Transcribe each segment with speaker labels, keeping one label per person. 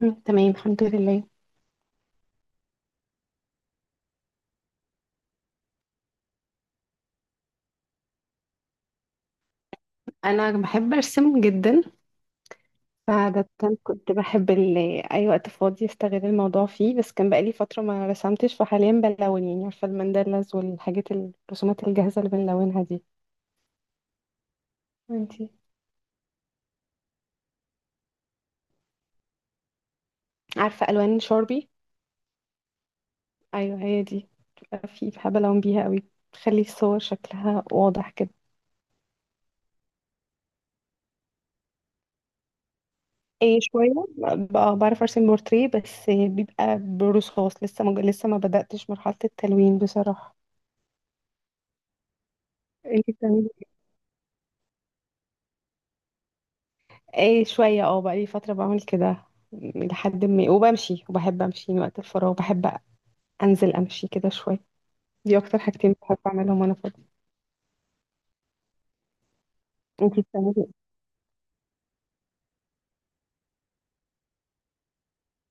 Speaker 1: تمام الحمد لله. انا بحب ارسم جدا. فعادة كنت بحب اي وقت فاضي استغل الموضوع فيه، بس كان بقالي فترة ما رسمتش. فحاليا بلون، يعني عارفة الماندلاز والحاجات الرسومات الجاهزة اللي بنلونها دي. وانتي؟ عارفة الوان شاربي؟ ايوه هي دي، بتبقى في بحب الون بيها قوي، تخلي الصور شكلها واضح كده. ايه شوية، بعرف ارسم بورتريه، بس بيبقى برصاص، لسه ما بدأتش مرحلة التلوين بصراحة. انتي بتعملي؟ ايه شوية، اه بقالي فترة بعمل كده، لحد ما وبمشي، وبحب امشي من وقت الفراغ، بحب انزل امشي كده شوية. دي اكتر حاجتين بحب اعملهم وانا فاضية. انتي بتعملي ايه؟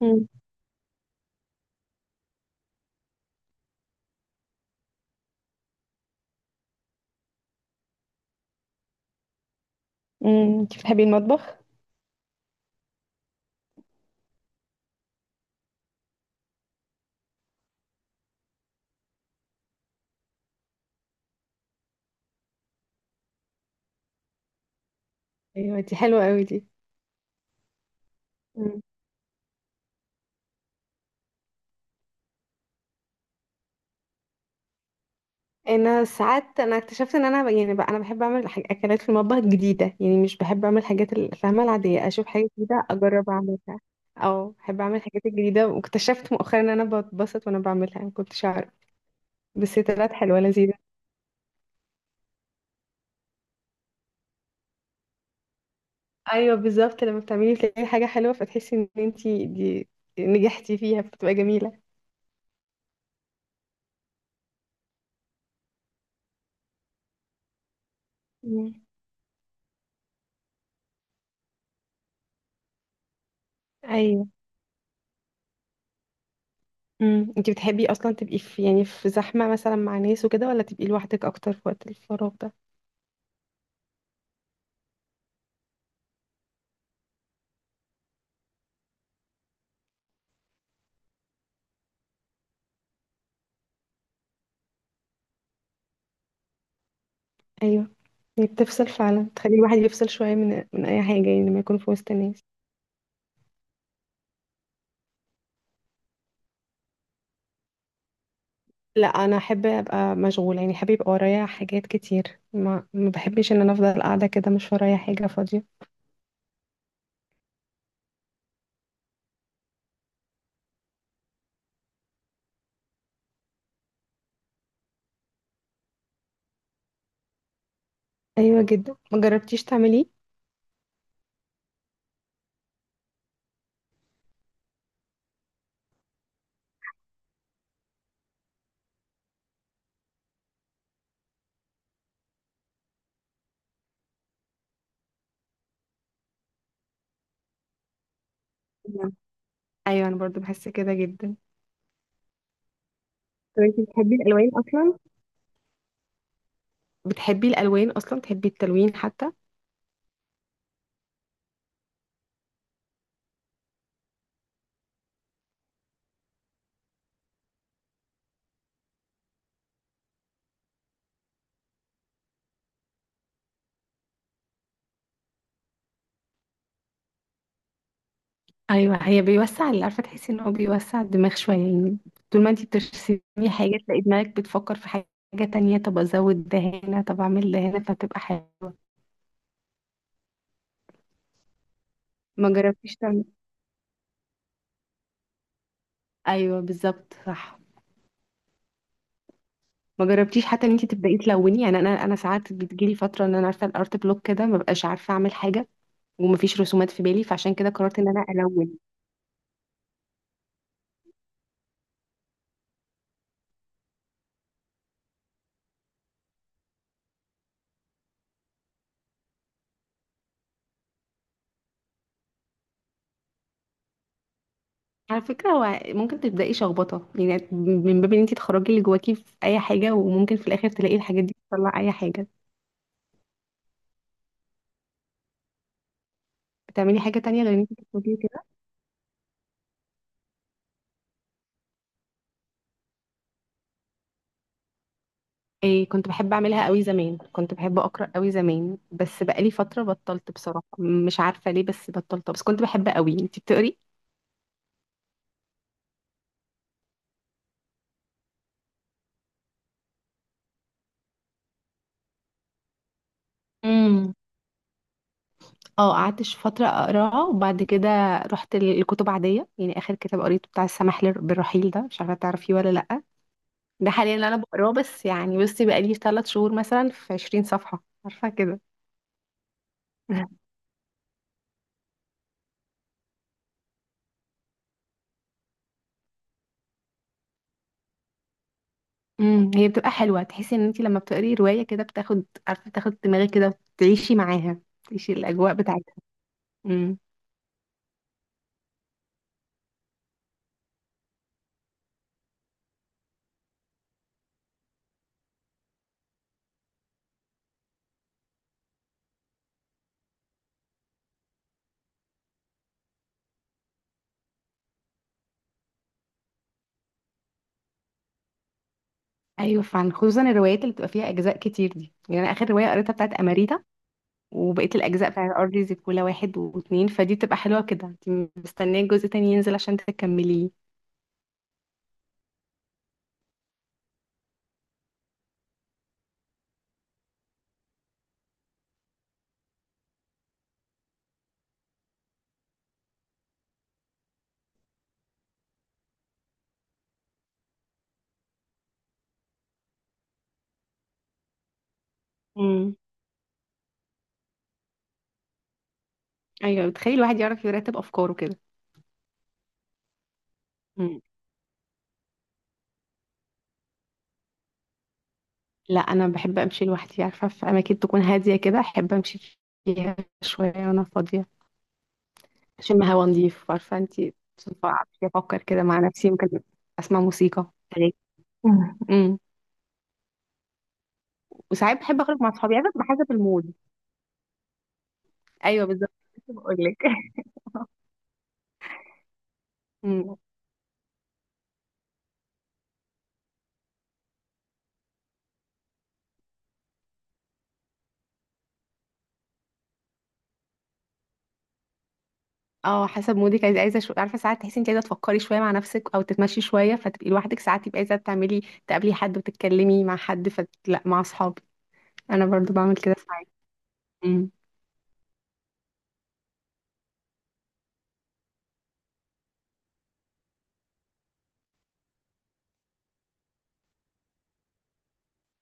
Speaker 1: مم. مم. انتي بتحبي المطبخ؟ ايوه دي حلوه قوي دي. مم. انا ساعات اكتشفت ان انا يعني بقى انا بحب اعمل اكلات في المطبخ جديدة، يعني مش بحب اعمل حاجات الفاهمة العادية، اشوف حاجة جديدة اجرب اعملها، او بحب اعمل الحاجات الجديدة، واكتشفت مؤخرا ان انا بتبسط وانا بعملها، ما كنتش اعرف، بس هي طلعت حلوة لذيذة. ايوه بالظبط، لما بتعملي تلاقي حاجه حلوه فتحسي ان انتي دي نجحتي فيها فبتبقى جميله. مم. ايوه. انتي بتحبي اصلا تبقي في، يعني في زحمه مثلا مع ناس وكده، ولا تبقي لوحدك اكتر في وقت الفراغ ده؟ ايوه، هي بتفصل فعلا، تخلي الواحد يفصل شويه من اي حاجه، يعني لما يكون في وسط الناس. لا انا احب ابقى مشغوله، يعني احب يبقى ورايا حاجات كتير، ما بحبش ان انا افضل قاعده كده مش ورايا حاجه فاضيه. ايوه جدا. ما جربتيش تعمليه؟ نعم. ايوه انا برضو بحس كده جدا. طب انت بتحبي الالوان اصلا؟ بتحبي الالوان اصلا؟ بتحبي التلوين حتى؟ ايوه، هي بيوسع، اللي عارفه تحسي ان هو بيوسع الدماغ شويه يعني. طول ما انتي بترسمي حاجه تلاقي دماغك بتفكر في حاجه تانية، طب ازود ده هنا، طب اعمل ده هنا، فبتبقى حلوه. ما جربتيش تعملي؟ ايوه بالظبط صح. ما جربتيش حتى ان انتي تبداي تلوني؟ يعني انا ساعات بتجيلي فتره ان انا عارفه الارت بلوك كده، ما ببقاش عارفه اعمل حاجه، ومفيش رسومات في بالي، فعشان كده قررت ان انا الون. على فكرة، هو ممكن تبدأي شخبطة يعني من باب ان انتي تخرجي اللي جواكي في اي حاجة، وممكن في الاخر تلاقي الحاجات دي بتطلع اي حاجة. بتعملي حاجة تانية غير ان انتي بتكتبي كده؟ إيه كنت بحب اعملها قوي زمان، كنت بحب اقرأ قوي زمان، بس بقالي فترة بطلت بصراحة مش عارفة ليه، بس بطلت، بس كنت بحبها قوي. انتي بتقري؟ امم. اه قعدت فترة اقراها، وبعد كده رحت للكتب عادية، يعني اخر كتاب قريته بتاع السماح بالرحيل ده، مش عارفة تعرفيه ولا لأ. ده حاليا اللي انا بقراه، بس يعني بصي بقالي 3 شهور مثلا في 20 صفحة، عارفة كده. هي بتبقى حلوة، تحسي ان انت لما بتقري رواية كده بتاخد، عارفة، تاخد دماغك كده وتعيشي معاها، تعيشي الاجواء بتاعتها. امم. ايوه فعلا، خصوصا الروايات اللي بتبقى فيها اجزاء كتير دي، يعني انا اخر رواية قريتها بتاعت اماريتا، وبقيت الاجزاء بتاعت ارض زيكولا واحد واتنين، فدي بتبقى حلوة كده، انت مستنية الجزء التاني ينزل عشان تكمليه. امم. ايوه، بتخيل الواحد يعرف يرتب افكاره كده. لا انا بحب امشي لوحدي، عارفه في اماكن تكون هاديه كده احب امشي فيها شويه وانا فاضيه، اشم هوا نضيف، عارفه انت، افكر كده مع نفسي، ممكن اسمع موسيقى أغاني. مم. امم. وساعات بحب اخرج مع اصحابي، عارفه بتبقى حسب المود. ايوه بالظبط، لسه بقول لك. امم، اه، حسب مودك، عارفه ساعات تحسي انت عايزه تفكري شويه مع نفسك او تتمشي شويه فتبقي لوحدك، ساعات تبقي عايزه تقابلي حد وتتكلمي مع حد، فلا مع اصحابي. انا برضو بعمل كده ساعات. امم.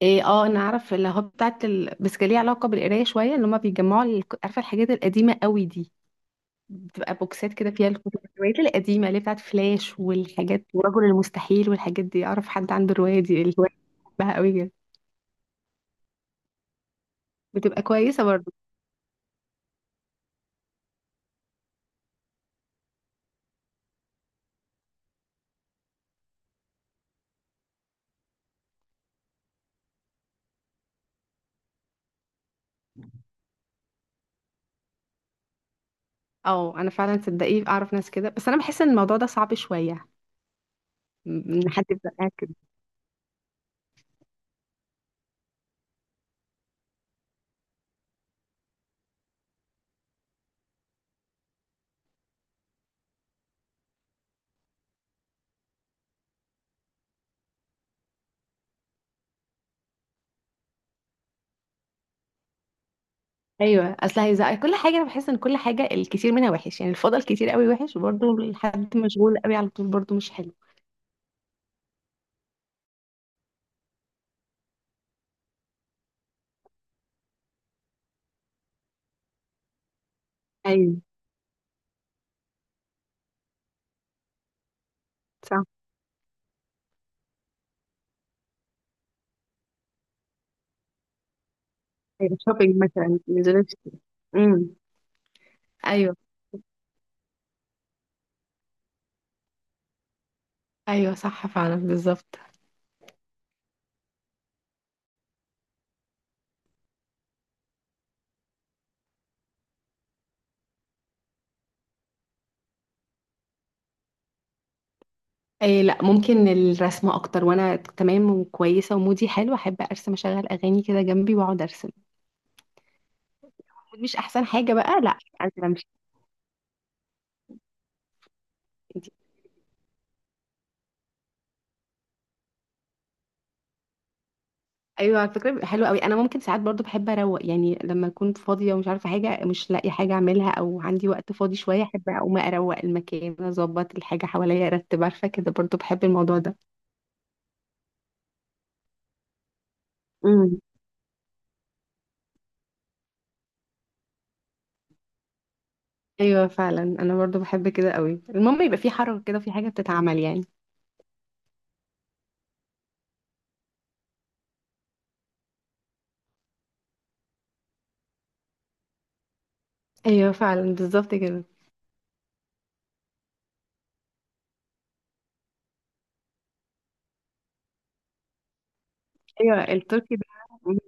Speaker 1: ايه اه، انا عارف اللي هو بتاعت بس كان ليه علاقه بالقرايه شويه، ان هما بيجمعوا عارفه الحاجات القديمه قوي دي، بتبقى بوكسات كده فيها الكتب الروايات القديمه اللي هي بتاعت فلاش والحاجات ورجل المستحيل والحاجات دي. اعرف حد عنده الروايه دي الهوايه؟ بحبها قوي جدا. بتبقى كويسه برضه. اه انا فعلا صدقيه اعرف ناس كده، بس انا بحس ان الموضوع ده صعب شويه، ان حد يبقى كده. ايوه، اصل هيزق كل حاجه، انا بحس ان كل حاجه الكتير منها وحش يعني، الفضل كتير قوي وحش، وبرضه الحد مشغول قوي على طول برضه مش حلو. ايوه صح. أيوة شوبينج مثلا نزلت. امم. ايوه ايوه، صح فعلا بالظبط. اي، لا ممكن الرسمه اكتر، وانا تمام وكويسه ومودي حلو احب ارسم، اشغل اغاني كده جنبي واقعد ارسم، مش احسن حاجه بقى. لا عايزة أمشي. انتي- ايوه على فكره بيبقى حلو قوي. انا ممكن ساعات برضو بحب اروق، يعني لما اكون فاضيه ومش عارفه حاجه مش لاقي حاجه اعملها، او عندي وقت فاضي شويه احب اقوم اروق المكان اظبط الحاجه حواليا ارتب، عارفه كده، برضو بحب الموضوع ده. ايوه فعلا، انا برضو بحب كده قوي، المهم يبقى في حركه كده في حاجه بتتعمل يعني. ايوه فعلا بالظبط كده. ايوه التركي ده.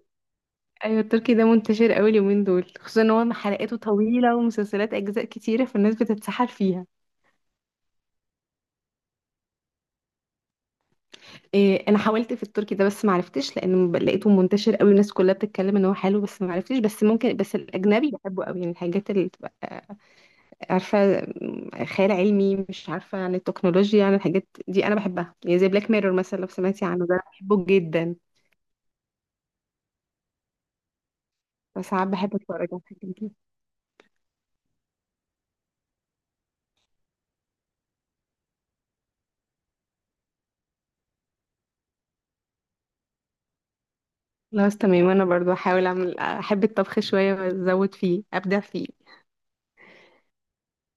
Speaker 1: ايوه التركي ده منتشر قوي اليومين دول، خصوصا ان هو حلقاته طويله ومسلسلات اجزاء كتيره فالناس بتتسحل فيها. إيه انا حاولت في التركي ده بس ما عرفتش، لان لقيته منتشر قوي، الناس كلها بتتكلم ان هو حلو، بس ما عرفتش، بس ممكن، بس الاجنبي بحبه قوي يعني، الحاجات اللي بتبقى عارفة خيال علمي، مش عارفة عن التكنولوجيا عن الحاجات دي، أنا بحبها يعني زي بلاك ميرور مثلا لو سمعتي عنه ده، أنا بحبه جدا، فساعات بحب أتفرج على الحاجات دي. خلاص تمام، أنا برضو هحاول أعمل، أحب الطبخ شوية وأزود فيه أبدع فيه.